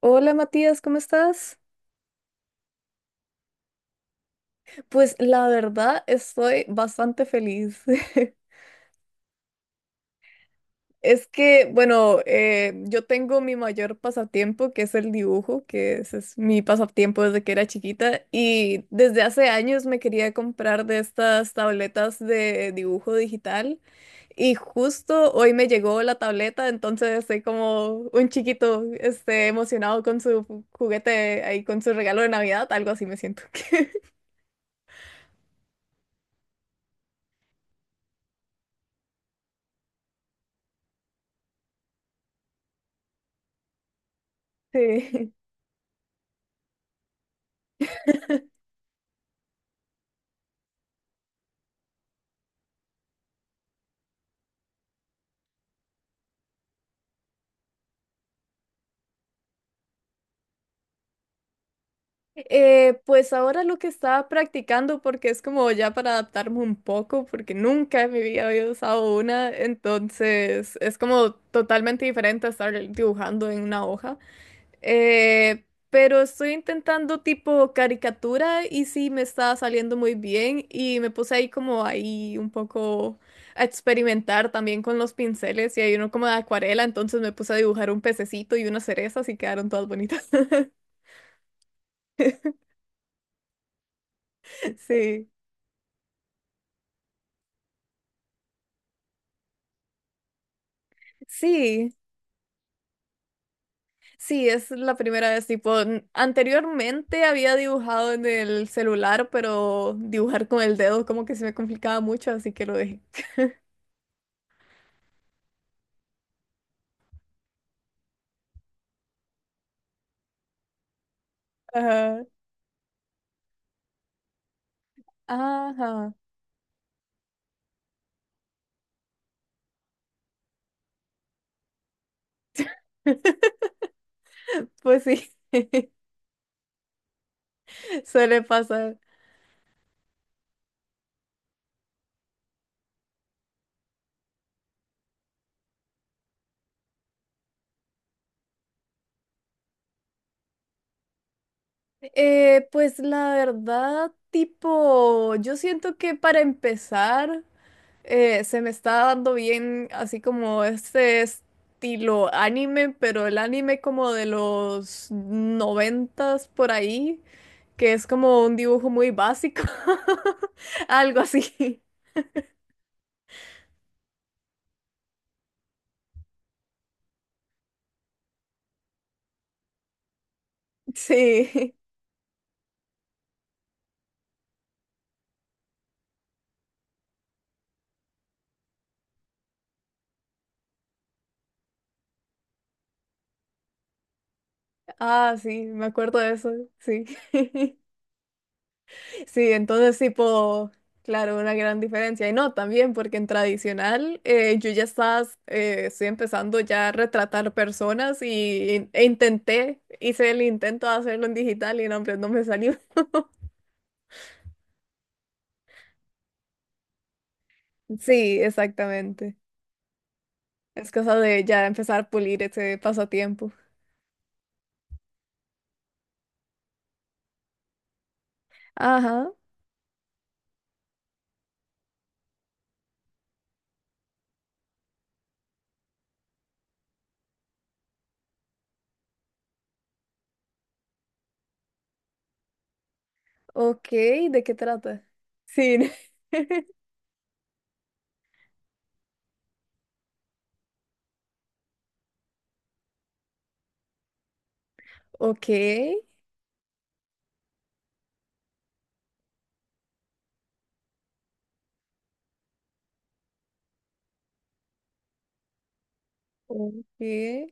Hola Matías, ¿cómo estás? Pues la verdad estoy bastante feliz. Es que, bueno, yo tengo mi mayor pasatiempo, que es el dibujo, que ese es mi pasatiempo desde que era chiquita y desde hace años me quería comprar de estas tabletas de dibujo digital y justo hoy me llegó la tableta, entonces estoy como un chiquito, este, emocionado con su juguete ahí, con su regalo de Navidad, algo así me siento. Sí. Pues ahora lo que estaba practicando, porque es como ya para adaptarme un poco, porque nunca en mi vida había usado una, entonces es como totalmente diferente a estar dibujando en una hoja. Eh, pero estoy intentando tipo caricatura y sí me está saliendo muy bien y me puse ahí como ahí un poco a experimentar también con los pinceles y hay uno como de acuarela, entonces me puse a dibujar un pececito y una cereza, y quedaron todas bonitas. Sí. Sí. Sí, es la primera vez, tipo, anteriormente había dibujado en el celular, pero dibujar con el dedo como que se me complicaba mucho, así que lo dejé. Ajá, ajá, pues sí, suele pasar. Pues la verdad, tipo, yo siento que para empezar se me está dando bien así como este estilo anime, pero el anime como de los noventas por ahí, que es como un dibujo muy básico, algo así. Sí, ah, sí, me acuerdo de eso, sí. Sí, entonces tipo, claro, una gran diferencia. Y no, también porque en tradicional estoy empezando ya a retratar personas y, e intenté, hice el intento de hacerlo en digital y no, hombre, no me salió. Sí, exactamente. Es cosa de ya empezar a pulir ese pasatiempo. Ajá. Ok, ¿de qué trata? Sí. Ok, ok.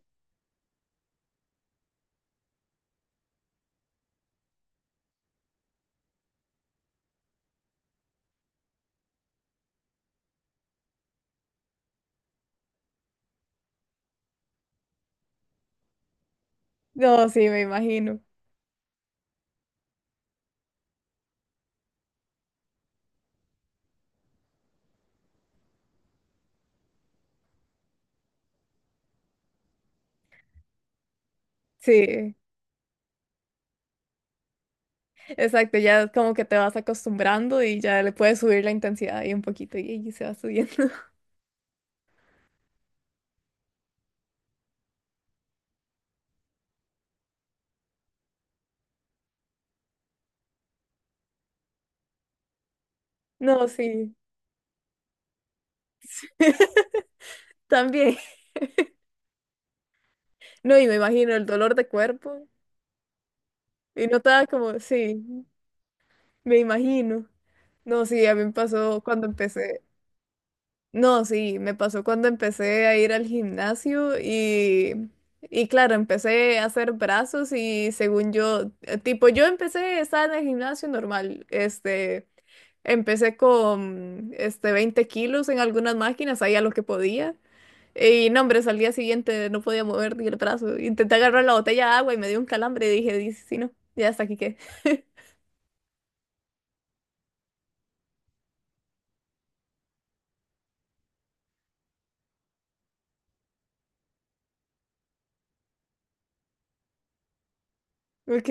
No, sí, me imagino. Sí, exacto. Ya como que te vas acostumbrando y ya le puedes subir la intensidad ahí un poquito y se va subiendo. No, sí. También. No, y me imagino el dolor de cuerpo. Y no estaba como, sí, me imagino. No, sí, a mí me pasó cuando empecé. No, sí, me pasó cuando empecé a ir al gimnasio y claro, empecé a hacer brazos y según yo, tipo, yo empecé, estaba en el gimnasio normal, este, empecé con, este, 20 kilos en algunas máquinas, ahí a lo que podía. Y no, hombre, al día siguiente no podía mover ni el brazo. Intenté agarrar la botella de agua y me dio un calambre y dije, dice, sí, no, ya hasta aquí qué. Ok.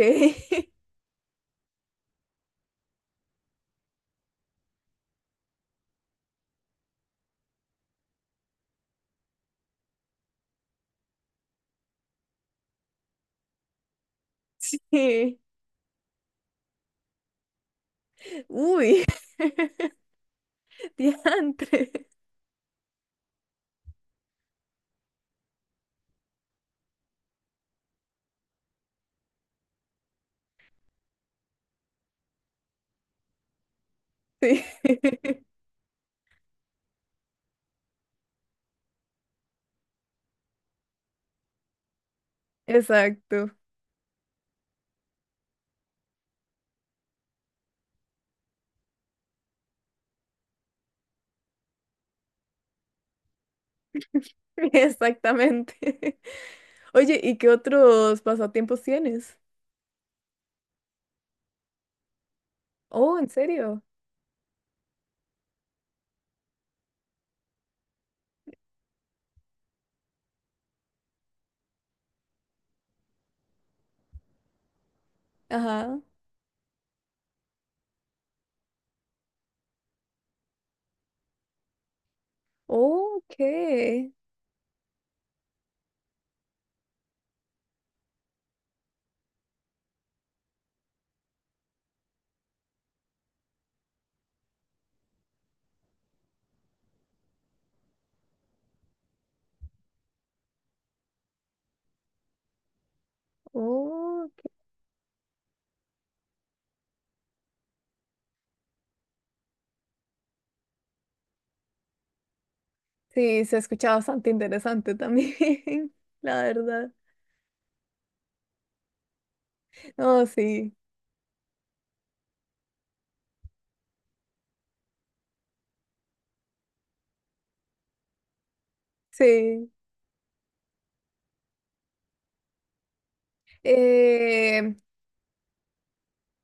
Uy, diantre. Sí. Exacto, exactamente. Oye, ¿y qué otros pasatiempos tienes? Oh, ¿en serio? Ajá. Ok, oh, ok. Sí, se escucha bastante interesante también, la verdad. No, sí, sí. Em,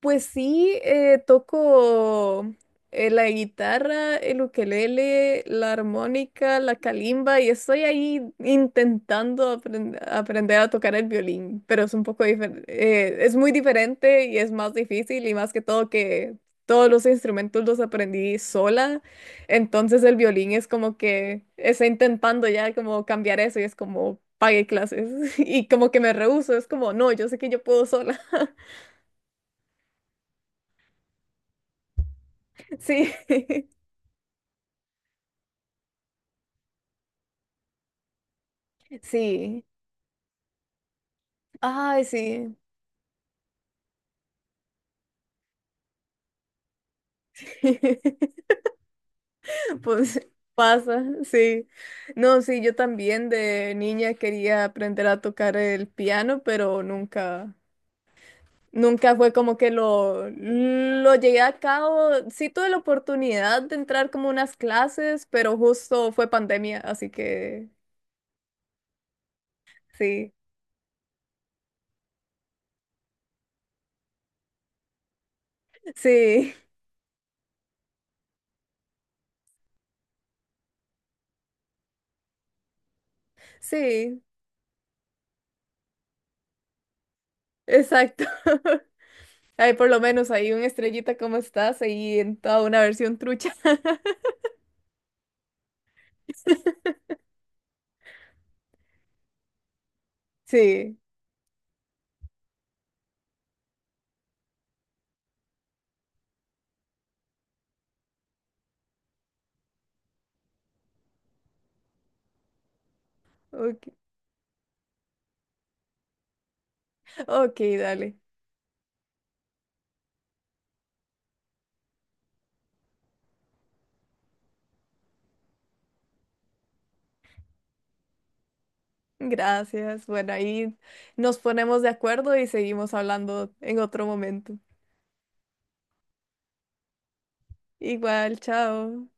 pues sí, toco la guitarra, el ukelele, la armónica, la calimba y estoy ahí intentando aprender a tocar el violín, pero es un poco diferente, es muy diferente y es más difícil y más que todo que todos los instrumentos los aprendí sola, entonces el violín es como que estoy intentando ya como cambiar eso y es como pagué clases y como que me rehúso, es como no, yo sé que yo puedo sola, sí. Sí, ay, sí. Pues pasa, sí. No, sí, yo también de niña quería aprender a tocar el piano, pero nunca, nunca fue como que lo llegué a cabo. Sí tuve la oportunidad de entrar como unas clases, pero justo fue pandemia, así que sí, sí, sí, exacto. Ay, por lo menos ahí un estrellita como estás, ahí en toda una versión trucha. Sí. Ok, ok, dale. Gracias. Bueno, ahí nos ponemos de acuerdo y seguimos hablando en otro momento. Igual, chao.